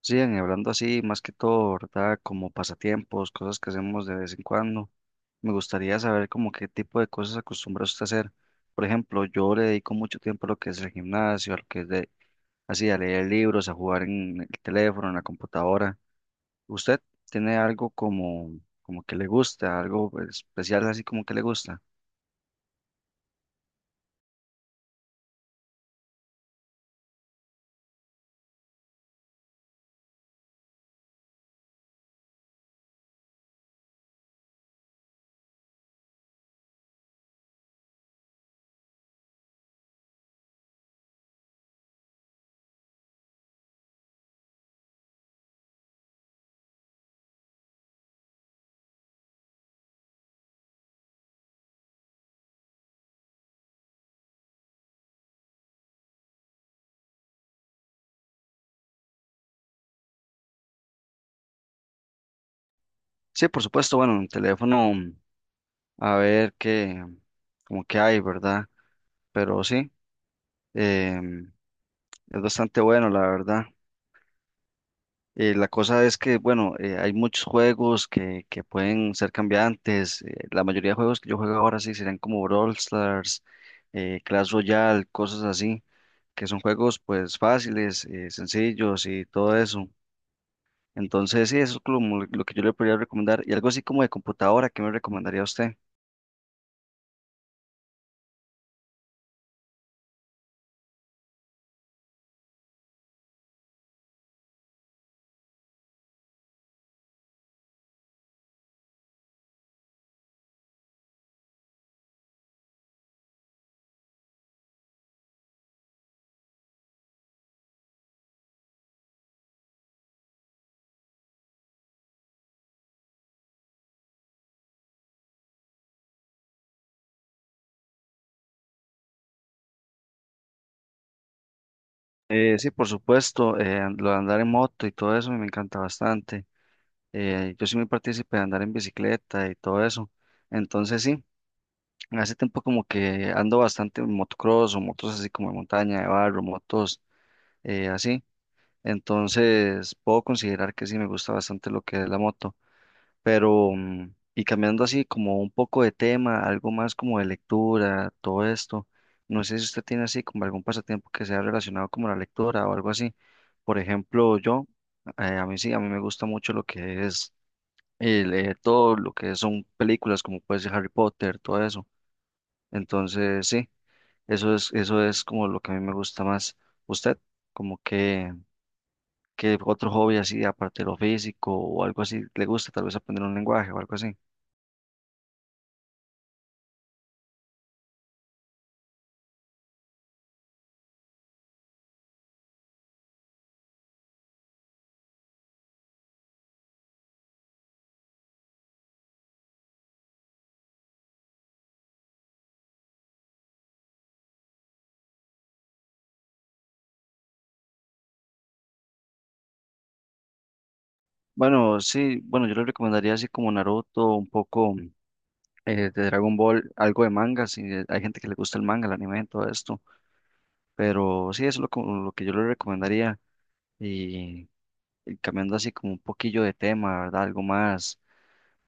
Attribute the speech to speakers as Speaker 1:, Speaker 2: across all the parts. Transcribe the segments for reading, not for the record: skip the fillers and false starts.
Speaker 1: Sí, hablando así, más que todo, ¿verdad? Como pasatiempos, cosas que hacemos de vez en cuando. Me gustaría saber como qué tipo de cosas acostumbra usted a hacer. Por ejemplo, yo le dedico mucho tiempo a lo que es el gimnasio, a lo que es de, así, a leer libros, a jugar en el teléfono, en la computadora. ¿Usted tiene algo como, como que le gusta, algo especial así como que le gusta? Sí, por supuesto, bueno, en el teléfono, a ver qué, como que hay, ¿verdad? Pero sí, em, es bastante bueno, la verdad. La cosa es que, bueno, hay muchos juegos que pueden ser cambiantes. La mayoría de juegos que yo juego ahora sí serán como Brawl Stars, Clash Royale, cosas así, que son juegos pues fáciles, sencillos y todo eso. Entonces, sí, eso es como lo que yo le podría recomendar. Y algo así como de computadora, ¿qué me recomendaría a usted? Sí, por supuesto, lo de andar en moto y todo eso me encanta bastante. Yo soy muy partícipe de andar en bicicleta y todo eso. Entonces, sí. Hace tiempo como que ando bastante en motocross o motos así como de montaña, de barro, motos así. Entonces puedo considerar que sí me gusta bastante lo que es la moto. Pero, mm, y cambiando así como un poco de tema, algo más como de lectura, todo esto. No sé si usted tiene así como algún pasatiempo que sea relacionado como la lectura o algo así. Por ejemplo, yo, a mí sí, a mí me gusta mucho lo que es leer todo lo que son películas como puede ser Harry Potter, todo eso. Entonces, sí. Eso es como lo que a mí me gusta más. ¿Usted? Como que otro hobby así, aparte de lo físico o algo así, le gusta tal vez aprender un lenguaje o algo así. Bueno, sí, bueno, yo le recomendaría así como Naruto, un poco de Dragon Ball, algo de manga, si hay gente que le gusta el manga, el anime, todo esto. Pero sí, eso es lo, como lo que yo le recomendaría. Y, y cambiando así como un poquillo de tema, ¿verdad? Algo más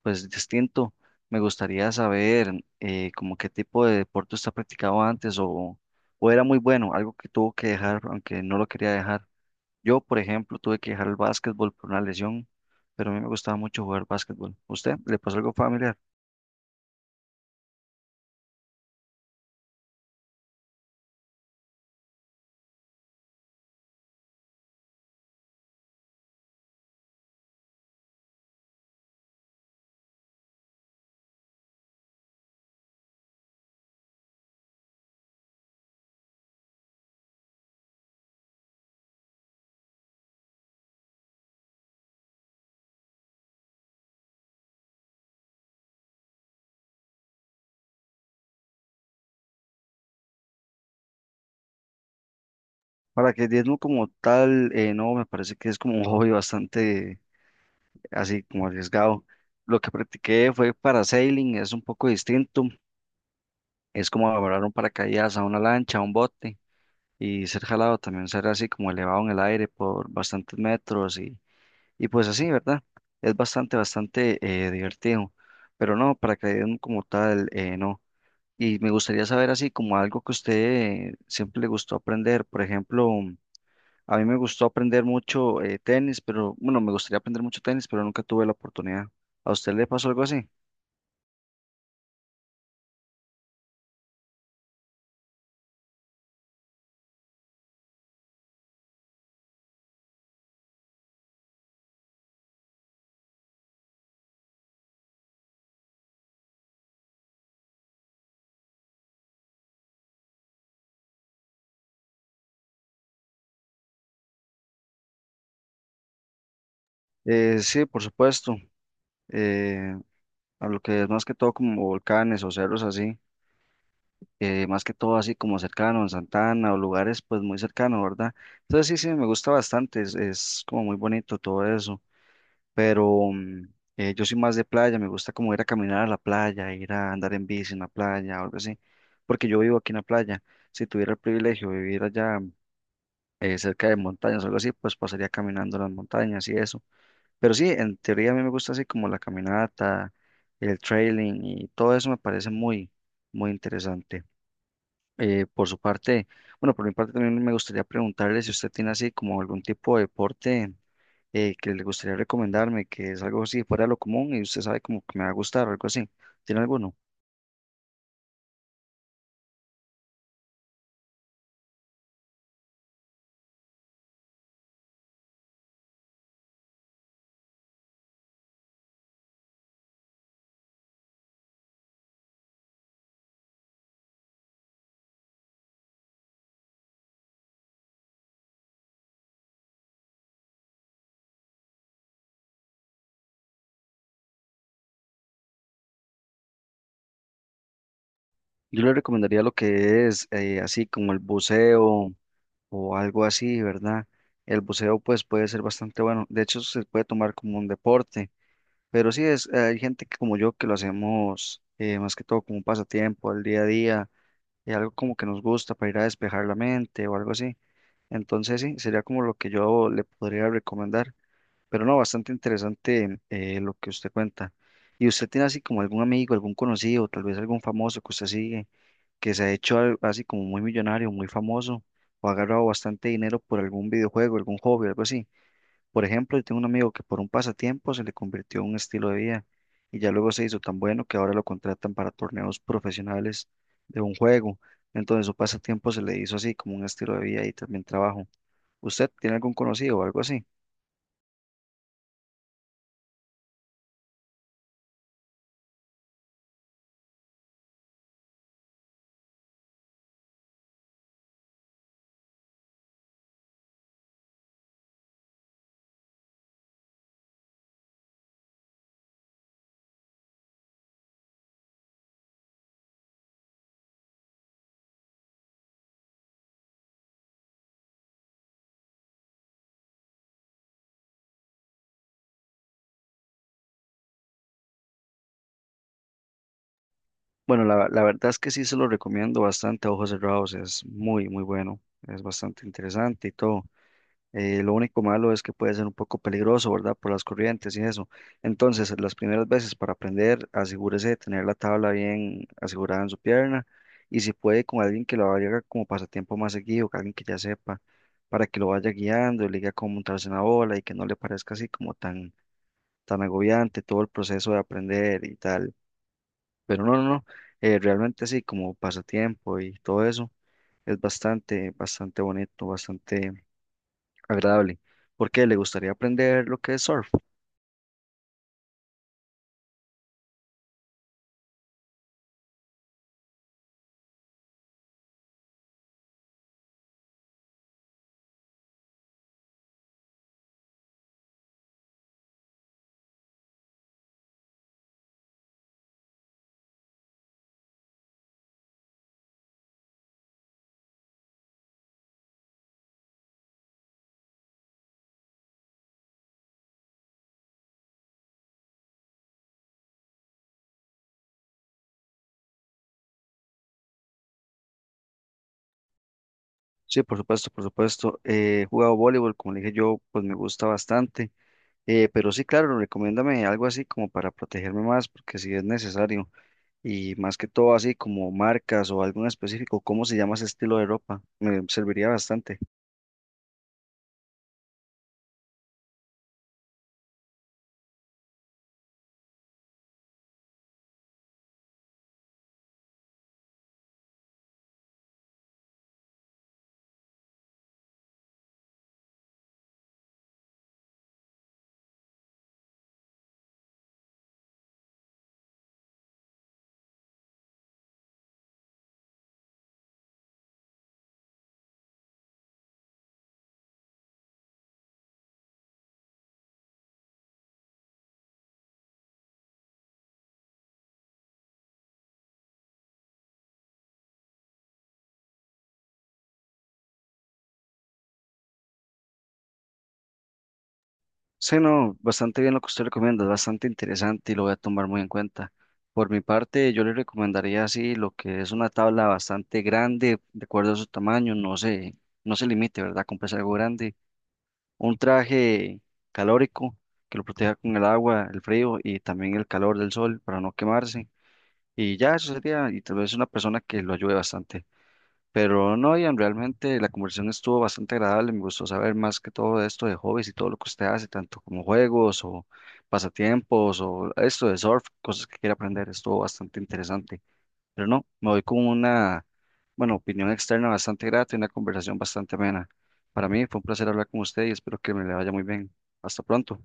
Speaker 1: pues distinto. Me gustaría saber como qué tipo de deporte usted ha practicado antes o era muy bueno, algo que tuvo que dejar, aunque no lo quería dejar. Yo, por ejemplo, tuve que dejar el básquetbol por una lesión, pero a mí me gustaba mucho jugar básquetbol. ¿Usted le pasó algo familiar? Para que diezmo como tal, no, me parece que es como un hobby bastante así como arriesgado. Lo que practiqué fue parasailing, es un poco distinto, es como agarrar un paracaídas a una lancha, a un bote. Y ser jalado también, ser así como elevado en el aire por bastantes metros y pues así, ¿verdad? Es bastante, bastante divertido, pero no, paracaidismo como tal, no. Y me gustaría saber así como algo que a usted siempre le gustó aprender, por ejemplo, a mí me gustó aprender mucho tenis, pero bueno, me gustaría aprender mucho tenis, pero nunca tuve la oportunidad. ¿A usted le pasó algo así? Sí, por supuesto. eh, a lo que es más que todo como volcanes o cerros así. Más que todo así como cercano, en Santana o lugares pues muy cercanos, ¿verdad? Entonces sí, sí, me gusta bastante, es como muy bonito todo eso, pero mm, yo soy más de playa, me gusta como ir a caminar a la playa, ir a andar en bici en la playa o algo así, porque yo vivo aquí en la playa, si tuviera el privilegio de vivir allá cerca de montañas o algo así, pues pasaría caminando las montañas y eso, pero sí, en teoría a mí me gusta así como la caminata, el trailing y todo eso me parece muy, muy interesante. Por su parte, bueno, por mi parte también me gustaría preguntarle si usted tiene así como algún tipo de deporte que le gustaría recomendarme, que es algo así fuera de lo común y usted sabe como que me va a gustar o algo así. ¿Tiene alguno? Yo le recomendaría lo que es así como el buceo o algo así, ¿verdad? El buceo pues puede ser bastante bueno. De hecho, se puede tomar como un deporte, pero sí es, hay gente que como yo que lo hacemos más que todo como un pasatiempo, el día a día y algo como que nos gusta para ir a despejar la mente o algo así. Entonces sí, sería como lo que yo le podría recomendar. Pero no, bastante interesante lo que usted cuenta. ¿Y usted tiene así como algún amigo, algún conocido, tal vez algún famoso que usted sigue, que se ha hecho así como muy millonario, muy famoso, o ha agarrado bastante dinero por algún videojuego, algún hobby, algo así? Por ejemplo, yo tengo un amigo que por un pasatiempo se le convirtió en un estilo de vida y ya luego se hizo tan bueno que ahora lo contratan para torneos profesionales de un juego. Entonces su pasatiempo se le hizo así como un estilo de vida y también trabajo. ¿Usted tiene algún conocido o algo así? Bueno, la verdad es que sí se lo recomiendo bastante a ojos cerrados, es muy, muy bueno, es bastante interesante y todo. Lo único malo es que puede ser un poco peligroso, ¿verdad? Por las corrientes y eso. Entonces, las primeras veces para aprender, asegúrese de tener la tabla bien asegurada en su pierna y si puede con alguien que lo haga como pasatiempo más seguido, que alguien que ya sepa, para que lo vaya guiando, le diga cómo montarse en la ola y que no le parezca así como tan, tan agobiante todo el proceso de aprender y tal. Pero no, no, no, realmente sí, como pasatiempo y todo eso, es bastante, bastante bonito, bastante agradable. ¿Por qué? ¿Le gustaría aprender lo que es surf? Sí, por supuesto, por supuesto. He jugado voleibol, como le dije yo, pues me gusta bastante. Pero sí, claro, recomiéndame algo así como para protegerme más, porque si es necesario. Y más que todo así como marcas o algo en específico, ¿cómo se llama ese estilo de ropa? Me serviría bastante. Sí, no, bastante bien lo que usted recomienda, es bastante interesante y lo voy a tomar muy en cuenta. Por mi parte, yo le recomendaría así lo que es una tabla bastante grande, de acuerdo a su tamaño, no se, no se limite, ¿verdad? Comprese algo grande, un traje calórico que lo proteja con el agua, el frío y también el calor del sol para no quemarse. Y ya eso sería, y tal vez una persona que lo ayude bastante. Pero no, Ian, realmente la conversación estuvo bastante agradable. Me gustó saber más que todo de esto de hobbies y todo lo que usted hace, tanto como juegos o pasatiempos o esto de surf, cosas que quiere aprender. Estuvo bastante interesante. Pero no, me voy con una, bueno, opinión externa bastante grata y una conversación bastante amena. Para mí fue un placer hablar con usted y espero que me le vaya muy bien. Hasta pronto.